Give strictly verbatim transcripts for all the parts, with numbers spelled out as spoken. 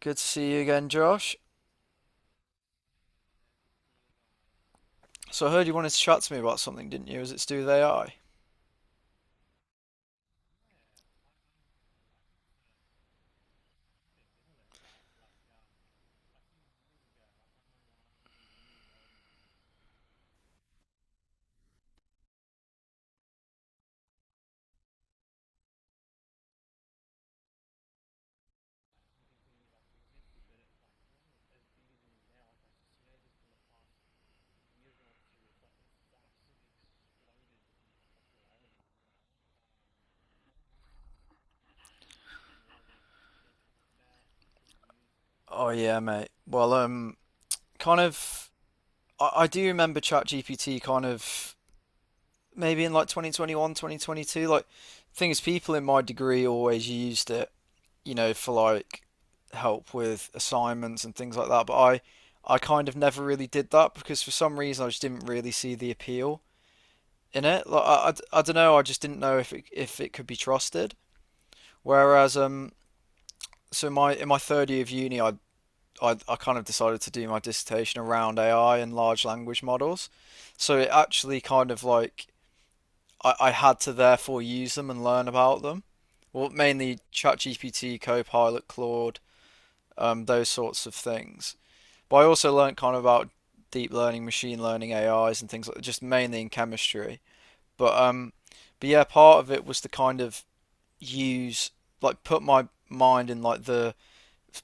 Good to see you again, Josh. So I heard you wanted to chat to me about something, didn't you? Was it to do with A I? Oh yeah, mate. Well, um, kind of. I, I do remember ChatGPT kind of maybe in like twenty twenty one, twenty twenty two. Like, thing is, people in my degree always used it, you know, for like help with assignments and things like that. But I, I kind of never really did that because for some reason I just didn't really see the appeal in it. Like, I, I, don't know. I just didn't know if it if it could be trusted. Whereas, um. so my in my third year of uni, I, I I kind of decided to do my dissertation around A I and large language models. So it actually kind of like I, I had to therefore use them and learn about them. Well, mainly ChatGPT, Copilot, Claude, um, those sorts of things. But I also learned kind of about deep learning, machine learning, A Is, and things like just mainly in chemistry. But um, but yeah, part of it was to kind of use like put my mind in like the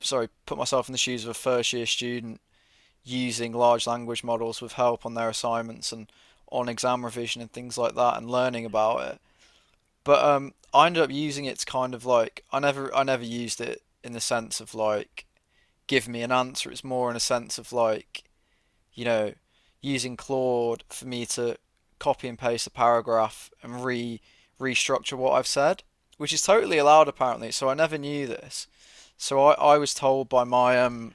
sorry, put myself in the shoes of a first year student using large language models with help on their assignments and on exam revision and things like that and learning about it. But um, I ended up using it to kind of like I never I never used it in the sense of like give me an answer. It's more in a sense of like you know, using Claude for me to copy and paste a paragraph and re restructure what I've said, which is totally allowed apparently. So I never knew this. So I, I was told by my um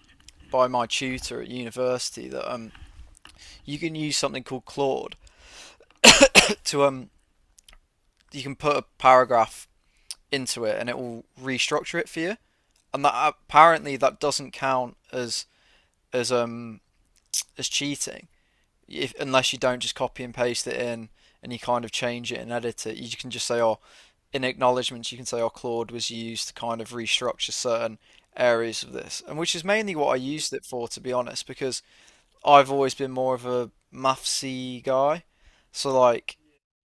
by my tutor at university that um you can use something called Claude to um you can put a paragraph into it and it will restructure it for you. And that apparently that doesn't count as as um as cheating. If, unless you don't just copy and paste it in and you kind of change it and edit it, you can just say, oh, in acknowledgements, you can say, oh, Claude was used to kind of restructure certain areas of this, and which is mainly what I used it for, to be honest, because I've always been more of a mathsy guy. So like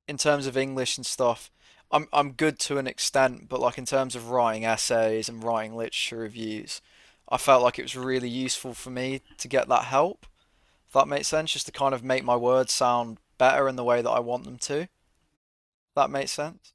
in terms of English and stuff, I'm I'm good to an extent, but like in terms of writing essays and writing literature reviews, I felt like it was really useful for me to get that help. If that makes sense, just to kind of make my words sound better in the way that I want them to. That makes sense?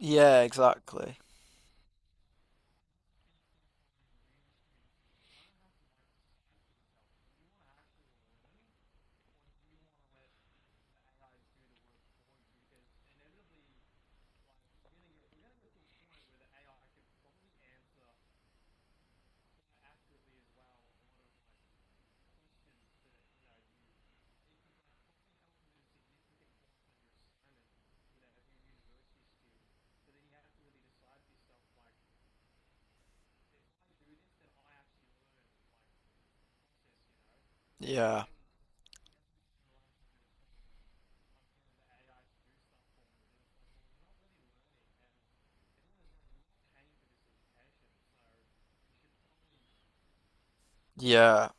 Yeah, exactly. Yeah. Yeah.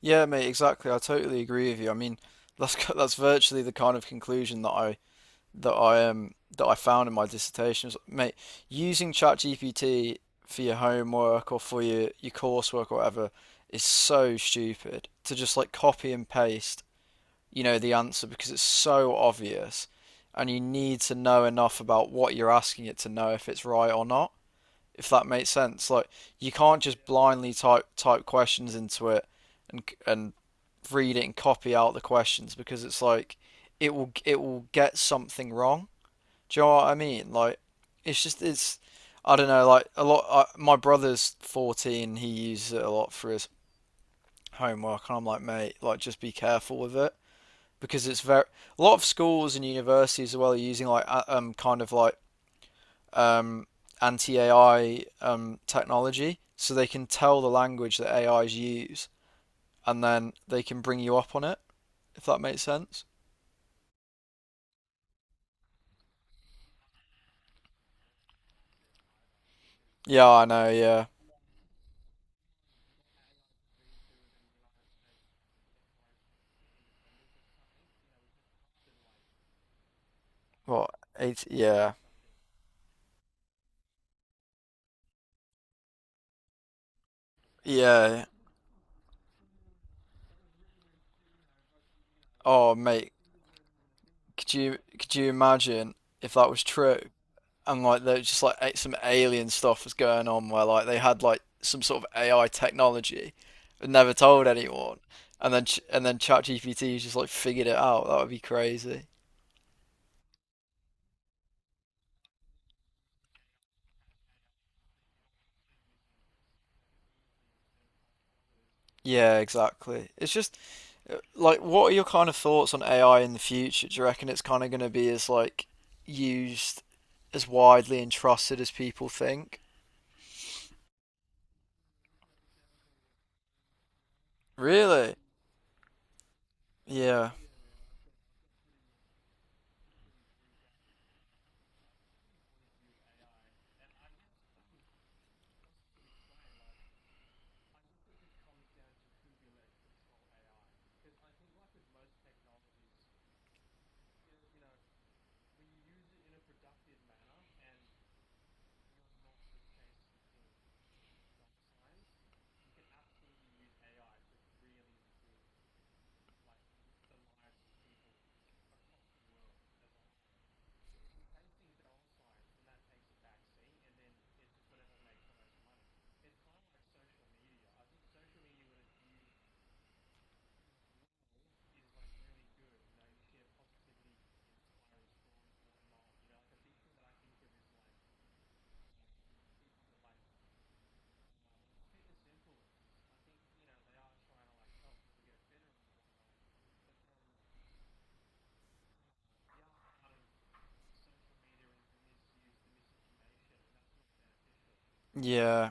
Yeah, mate, exactly. I totally agree with you. I mean, that's that's virtually the kind of conclusion that I that I um that I found in my dissertation. It's like, mate, using ChatGPT for your homework or for your your coursework or whatever is so stupid to just like copy and paste you know the answer because it's so obvious, and you need to know enough about what you're asking it to know if it's right or not. If that makes sense, like you can't just blindly type type questions into it and and read it and copy out the questions because it's like it will it will get something wrong. Do you know what I mean? Like it's just it's I don't know. Like a lot, I, my brother's fourteen. He uses it a lot for his homework, and I'm like, mate, like just be careful with it because it's very a lot of schools and universities as well are using like um kind of like um anti-A I um technology so they can tell the language that A Is use and then they can bring you up on it if that makes sense. Yeah, I know, yeah. What, eight yeah. Yeah. Oh mate, could you could you imagine if that was true? And like there was just like some alien stuff was going on where like they had like some sort of A I technology, but never told anyone, and then and then ChatGPT just like figured it out. That would be crazy. Yeah, exactly. It's just uh, like, what are your kind of thoughts on A I in the future? Do you reckon it's kind of going to be as like used as widely and trusted as people think? Really? Yeah, yeah,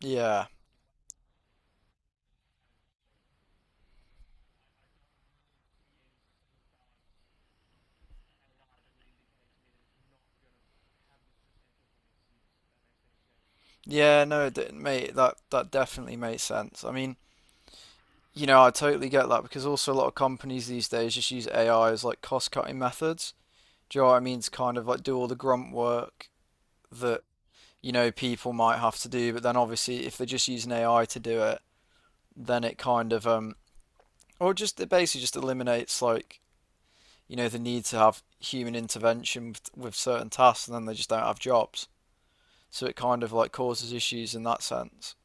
yeah, yeah. No, it didn't, mate. That that definitely makes sense. I mean. You know, I totally get that because also a lot of companies these days just use A I as like cost cutting methods. Do you know what I mean? To kind of like do all the grunt work that, you know, people might have to do, but then obviously if they're just using A I to do it, then it kind of um or just it basically just eliminates like, you know, the need to have human intervention with, with certain tasks and then they just don't have jobs. So it kind of like causes issues in that sense.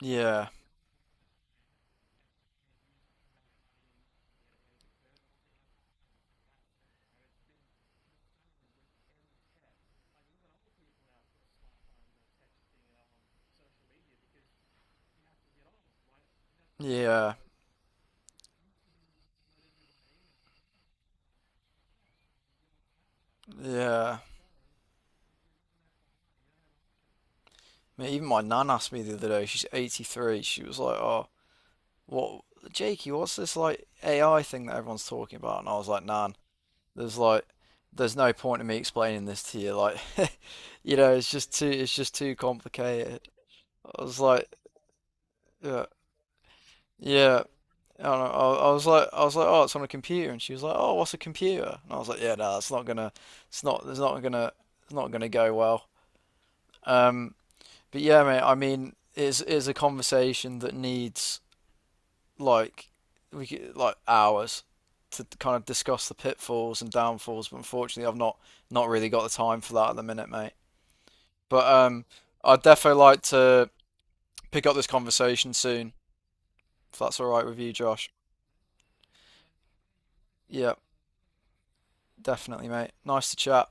Yeah. Yeah. Yeah. I mean, even my nan asked me the other day, she's eighty-three, she was like, "Oh, what Jakey, what's this like A I thing that everyone's talking about? And I was like, Nan, there's like there's no point in me explaining this to you. Like you know, it's just too it's just too complicated. I was like, yeah, yeah. I don't know. I, I was like, I was like, oh, it's on a computer, and she was like, oh, what's a computer? And I was like, yeah, no, it's not gonna, it's not, it's not gonna, it's not gonna go well. Um, but yeah, mate. I mean, it's it's a conversation that needs like we could, like hours to kind of discuss the pitfalls and downfalls, but unfortunately, I've not not really got the time for that at the minute, mate. But um, I'd definitely like to pick up this conversation soon, if that's all right with you, Josh. Yeah, definitely, mate. Nice to chat.